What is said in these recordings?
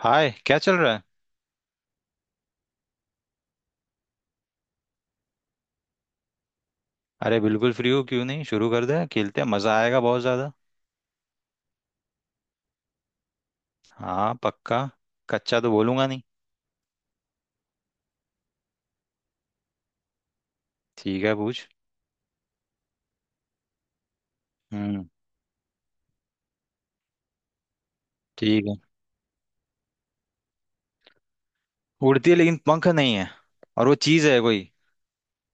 हाय, क्या चल रहा है। अरे बिल्कुल फ्री हो, क्यों नहीं। शुरू कर दे, खेलते हैं, मजा आएगा बहुत ज्यादा। हाँ पक्का। कच्चा तो बोलूंगा नहीं। ठीक है, पूछ। हम्म। ठीक है। उड़ती है लेकिन पंख नहीं है। और वो चीज है कोई?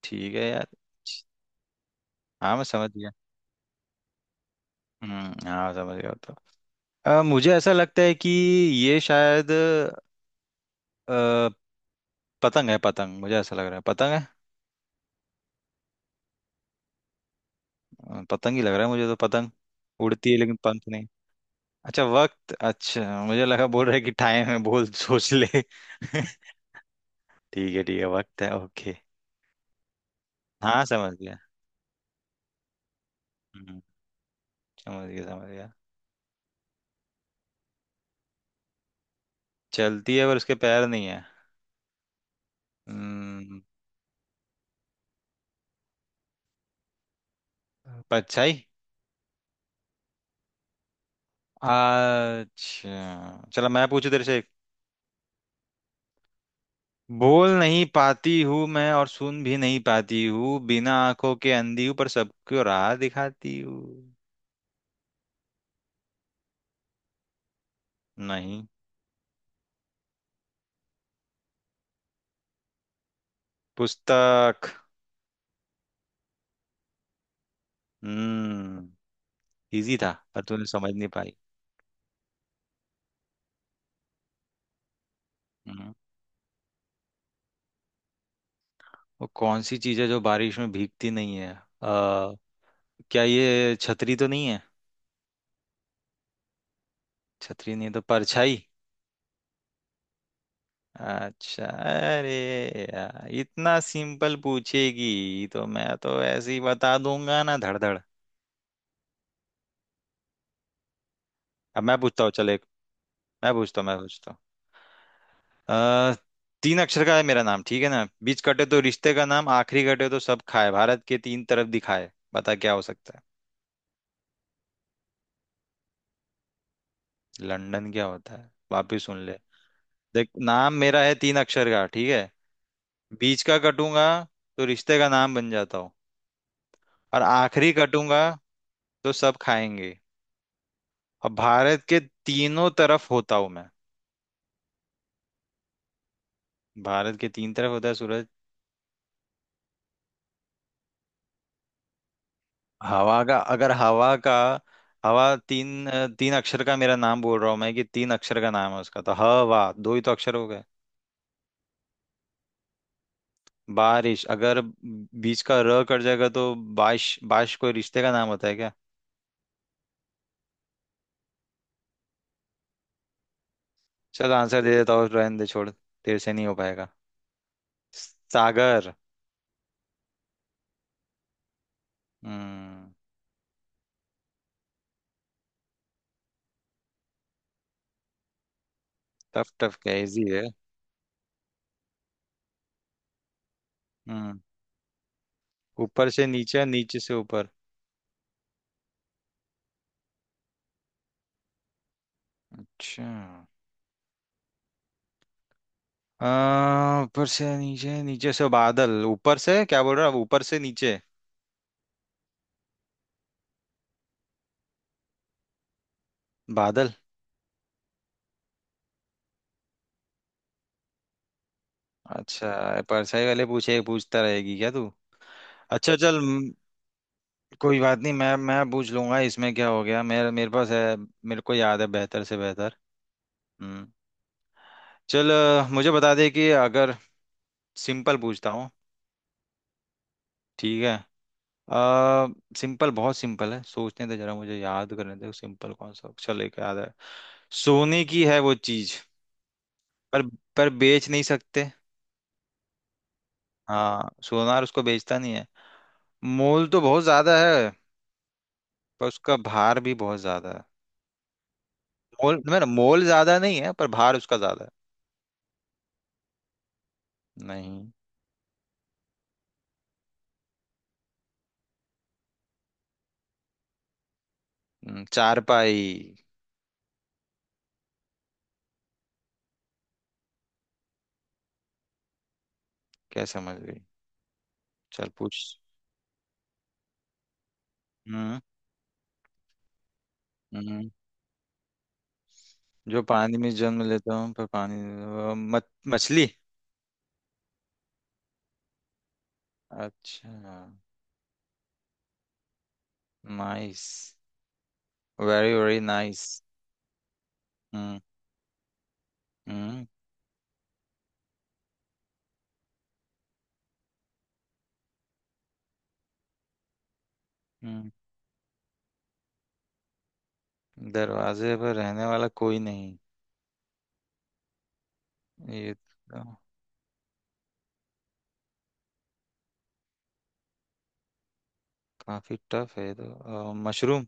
ठीक है यार। हाँ, मैं समझ गया। हम्म, हाँ, समझ गया तो। मुझे ऐसा लगता है कि ये शायद पतंग है। पतंग, मुझे ऐसा लग रहा है, पतंग है। पतंग ही लग रहा है मुझे तो। पतंग उड़ती है लेकिन पंख नहीं। अच्छा वक्त, अच्छा मुझे लगा बोल रहे कि टाइम है, बोल सोच ले। ठीक है, ठीक है, वक्त है, ओके। हाँ समझ गया। हम्म, समझ गया समझ गया। चलती है पर उसके पैर नहीं है। हम्म, परछाई। अच्छा चलो, मैं पूछू तेरे से एक। बोल नहीं पाती हूँ मैं और सुन भी नहीं पाती हूँ, बिना आंखों के अंधी हूँ पर सबको राह दिखाती हूँ। नहीं। पुस्तक। हम्म। इजी था पर तूने समझ नहीं पाई। हम्म। वो कौन सी चीज है जो बारिश में भीगती नहीं है? क्या ये छतरी तो नहीं है? छतरी नहीं तो परछाई। अच्छा अरे, यार इतना सिंपल पूछेगी तो मैं तो ऐसे ही बता दूंगा ना, धड़धड़। अब मैं पूछता हूँ, चल एक। मैं पूछता हूँ तीन अक्षर का है मेरा नाम, ठीक है ना? बीच कटे तो रिश्ते का नाम, आखिरी कटे तो सब खाए, भारत के तीन तरफ दिखाए, बता क्या हो सकता है? लंदन क्या होता है? वापिस सुन ले। देख, नाम मेरा है तीन अक्षर का, ठीक है। बीच का कटूंगा तो रिश्ते का नाम बन जाता हूँ। और आखिरी कटूंगा तो सब खाएंगे। और भारत के तीनों तरफ होता हूँ मैं। भारत के तीन तरफ होता है सूरज? हवा का अगर हवा का, हवा तीन अक्षर का मेरा नाम बोल रहा हूँ मैं कि तीन अक्षर का नाम है उसका, तो हवा दो ही तो अक्षर हो गए। बारिश, अगर बीच का र कट जाएगा तो। बारिश, बारिश कोई रिश्ते का नाम होता है क्या? चल आंसर दे देता हूँ, रहने दे, छोड़, तेरे से नहीं हो पाएगा। सागर। हम्म। टफ टफ क्या, इजी है। हम्म। ऊपर से नीचे, नीचे से ऊपर। अच्छा। ऊपर से नीचे, नीचे से बादल, ऊपर से क्या बोल रहा है? ऊपर से नीचे। बादल। अच्छा, परसाई वाले पूछे पूछता रहेगी क्या तू? अच्छा चल, कोई बात नहीं, मैं पूछ लूंगा, इसमें क्या हो गया, मेरे मेरे पास है। मेरे को याद है बेहतर से बेहतर। हम्म। चल, मुझे बता दे कि अगर। सिंपल पूछता हूँ। ठीक है। आ, सिंपल, बहुत सिंपल है, सोचने दे जरा, मुझे याद करने दे, सिंपल कौन सा अक्षर लेके याद है। सोने की है वो चीज। पर पर बेच नहीं सकते। हाँ, सोनार उसको बेचता नहीं है। मोल तो बहुत ज्यादा है। पर उसका भार भी बहुत ज्यादा है। मोल मेरा मोल ज्यादा नहीं है पर भार उसका ज्यादा है। नहीं। चारपाई। क्या समझ गई? चल पूछ। हम्म, हम्म। जो पानी में जन्म लेता हूँ पर पानी। मछली। अच्छा। नाइस। Very very nice. हम्म, हम्म, हम्म। दरवाजे, पर रहने वाला कोई नहीं। ये तो काफी टफ है ये तो। मशरूम।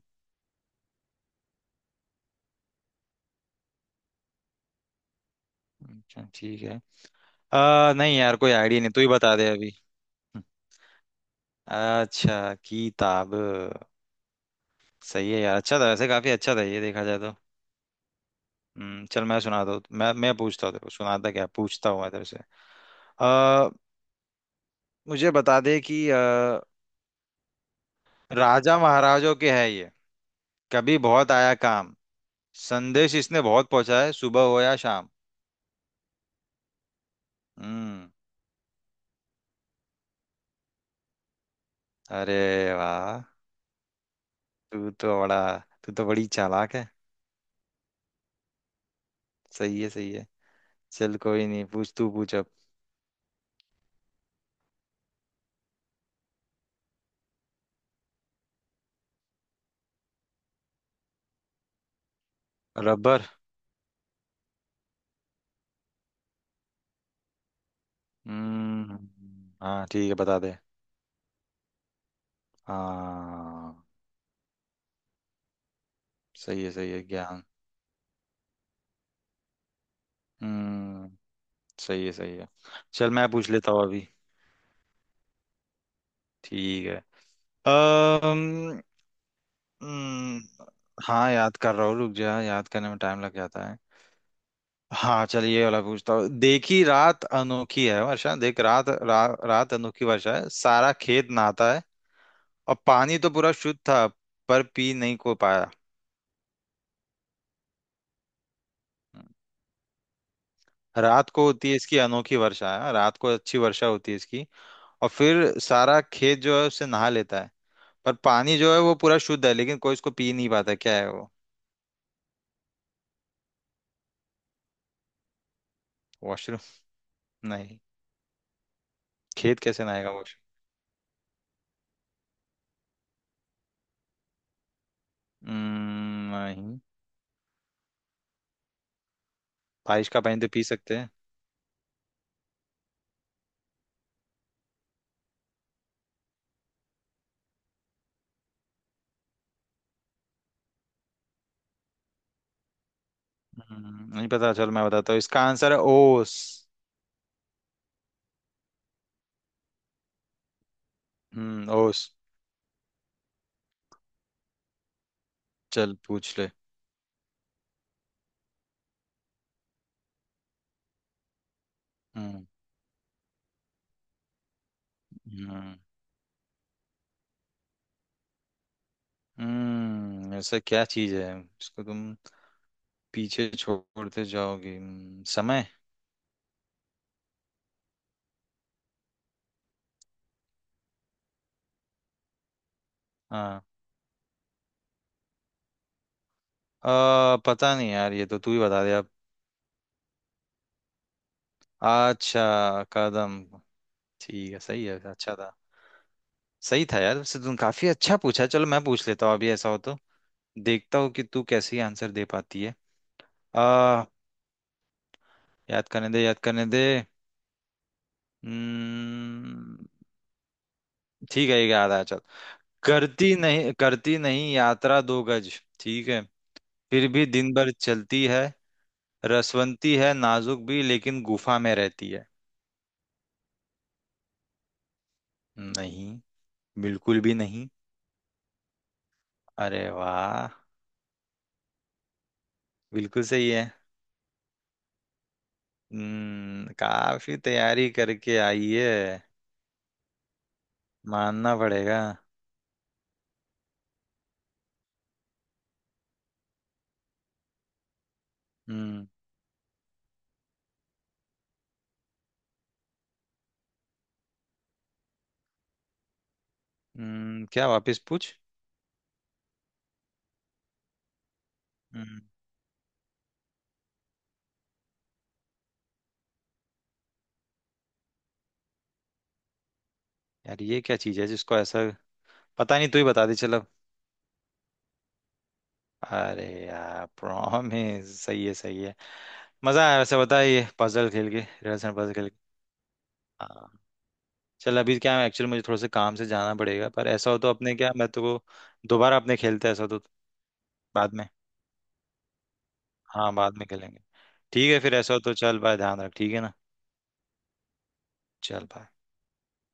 अच्छा ठीक है। नहीं यार, कोई आइडिया नहीं, तू ही बता दे अभी। अच्छा, किताब। सही है यार, अच्छा था वैसे, काफी अच्छा था ये देखा जाए तो। चल, मैं सुनाता हूँ, मैं पूछता हूँ तेरे को, सुनाता क्या, पूछता हूँ मैं तेरे से। आ, मुझे बता दे कि राजा महाराजों के है ये, कभी बहुत आया काम, संदेश इसने बहुत पहुंचा है, सुबह हो या शाम। हम्म। अरे वाह। तू तो बड़ा तू तो बड़ी चालाक है। सही है, सही है। चल कोई नहीं, पूछ, तू पूछ अब। रबर। हम्म, हाँ ठीक है, बता दे। हाँ, सही है, सही है, ज्ञान। हम्म। सही है, सही है। चल, मैं पूछ लेता हूँ अभी। ठीक है। अम्म हम्म, हाँ याद कर रहा हूँ, रुक जा, याद करने में टाइम लग जाता है। हाँ चलिए, ये वाला पूछता हूँ, देखी रात अनोखी है वर्षा, देख रात, रात अनोखी वर्षा है, सारा खेत नहाता है। और पानी तो पूरा शुद्ध था। पर पी नहीं को पाया। रात को होती है इसकी अनोखी वर्षा है, रात को अच्छी वर्षा होती है इसकी। और फिर सारा खेत जो है उससे नहा लेता है। पर पानी जो है वो पूरा शुद्ध है, लेकिन कोई इसको पी नहीं पाता, क्या है वो? वॉशरूम? नहीं। खेत कैसे नहाएगा वॉशरूम? नहीं। बारिश का पानी तो पी सकते हैं। नहीं पता, चलो मैं बताता हूँ, इसका आंसर है ओस। हम्म। चल पूछ ले। हम्म, हम्म। ऐसा क्या चीज है इसको तुम पीछे छोड़ते जाओगी, समय। हाँ। पता नहीं यार, ये तो तू ही बता दे अब। अच्छा, कदम। ठीक है, सही है, अच्छा था। सही था यार वैसे, तुम काफी अच्छा पूछा, चलो मैं पूछ लेता हूँ अभी ऐसा हो तो। देखता हूँ कि तू कैसे आंसर दे पाती है। आ याद करने दे, याद करने दे। हम्म। ठीक है, ये याद आया, चल। करती नहीं, करती नहीं यात्रा 2 गज। ठीक है। फिर भी दिन भर चलती है। रसवंती है, नाजुक भी लेकिन गुफा में रहती है। नहीं। बिल्कुल भी नहीं। अरे वाह। बिल्कुल सही है। काफी तैयारी करके आई है। मानना पड़ेगा। हम्म, क्या? वापस पूछ। हम्म। यार ये क्या चीज है जिसको ऐसा। पता नहीं, तू ही बता दे चलो। अरे यार, प्रॉमिस, सही है, सही है। मजा आया वैसे, बता ये पजल खेल के, रिडल्स एंड पजल खेल के। हाँ। चल, अभी क्या है, एक्चुअली मुझे थोड़ा सा काम से जाना पड़ेगा, पर ऐसा हो तो अपने, क्या मैं तो को। दोबारा अपने खेलते हैं ऐसा हो तो। बाद में। हाँ, बाद में खेलेंगे। ठीक है, फिर ऐसा हो तो, चल बाय, ध्यान रख, ठीक है ना। चल बाय।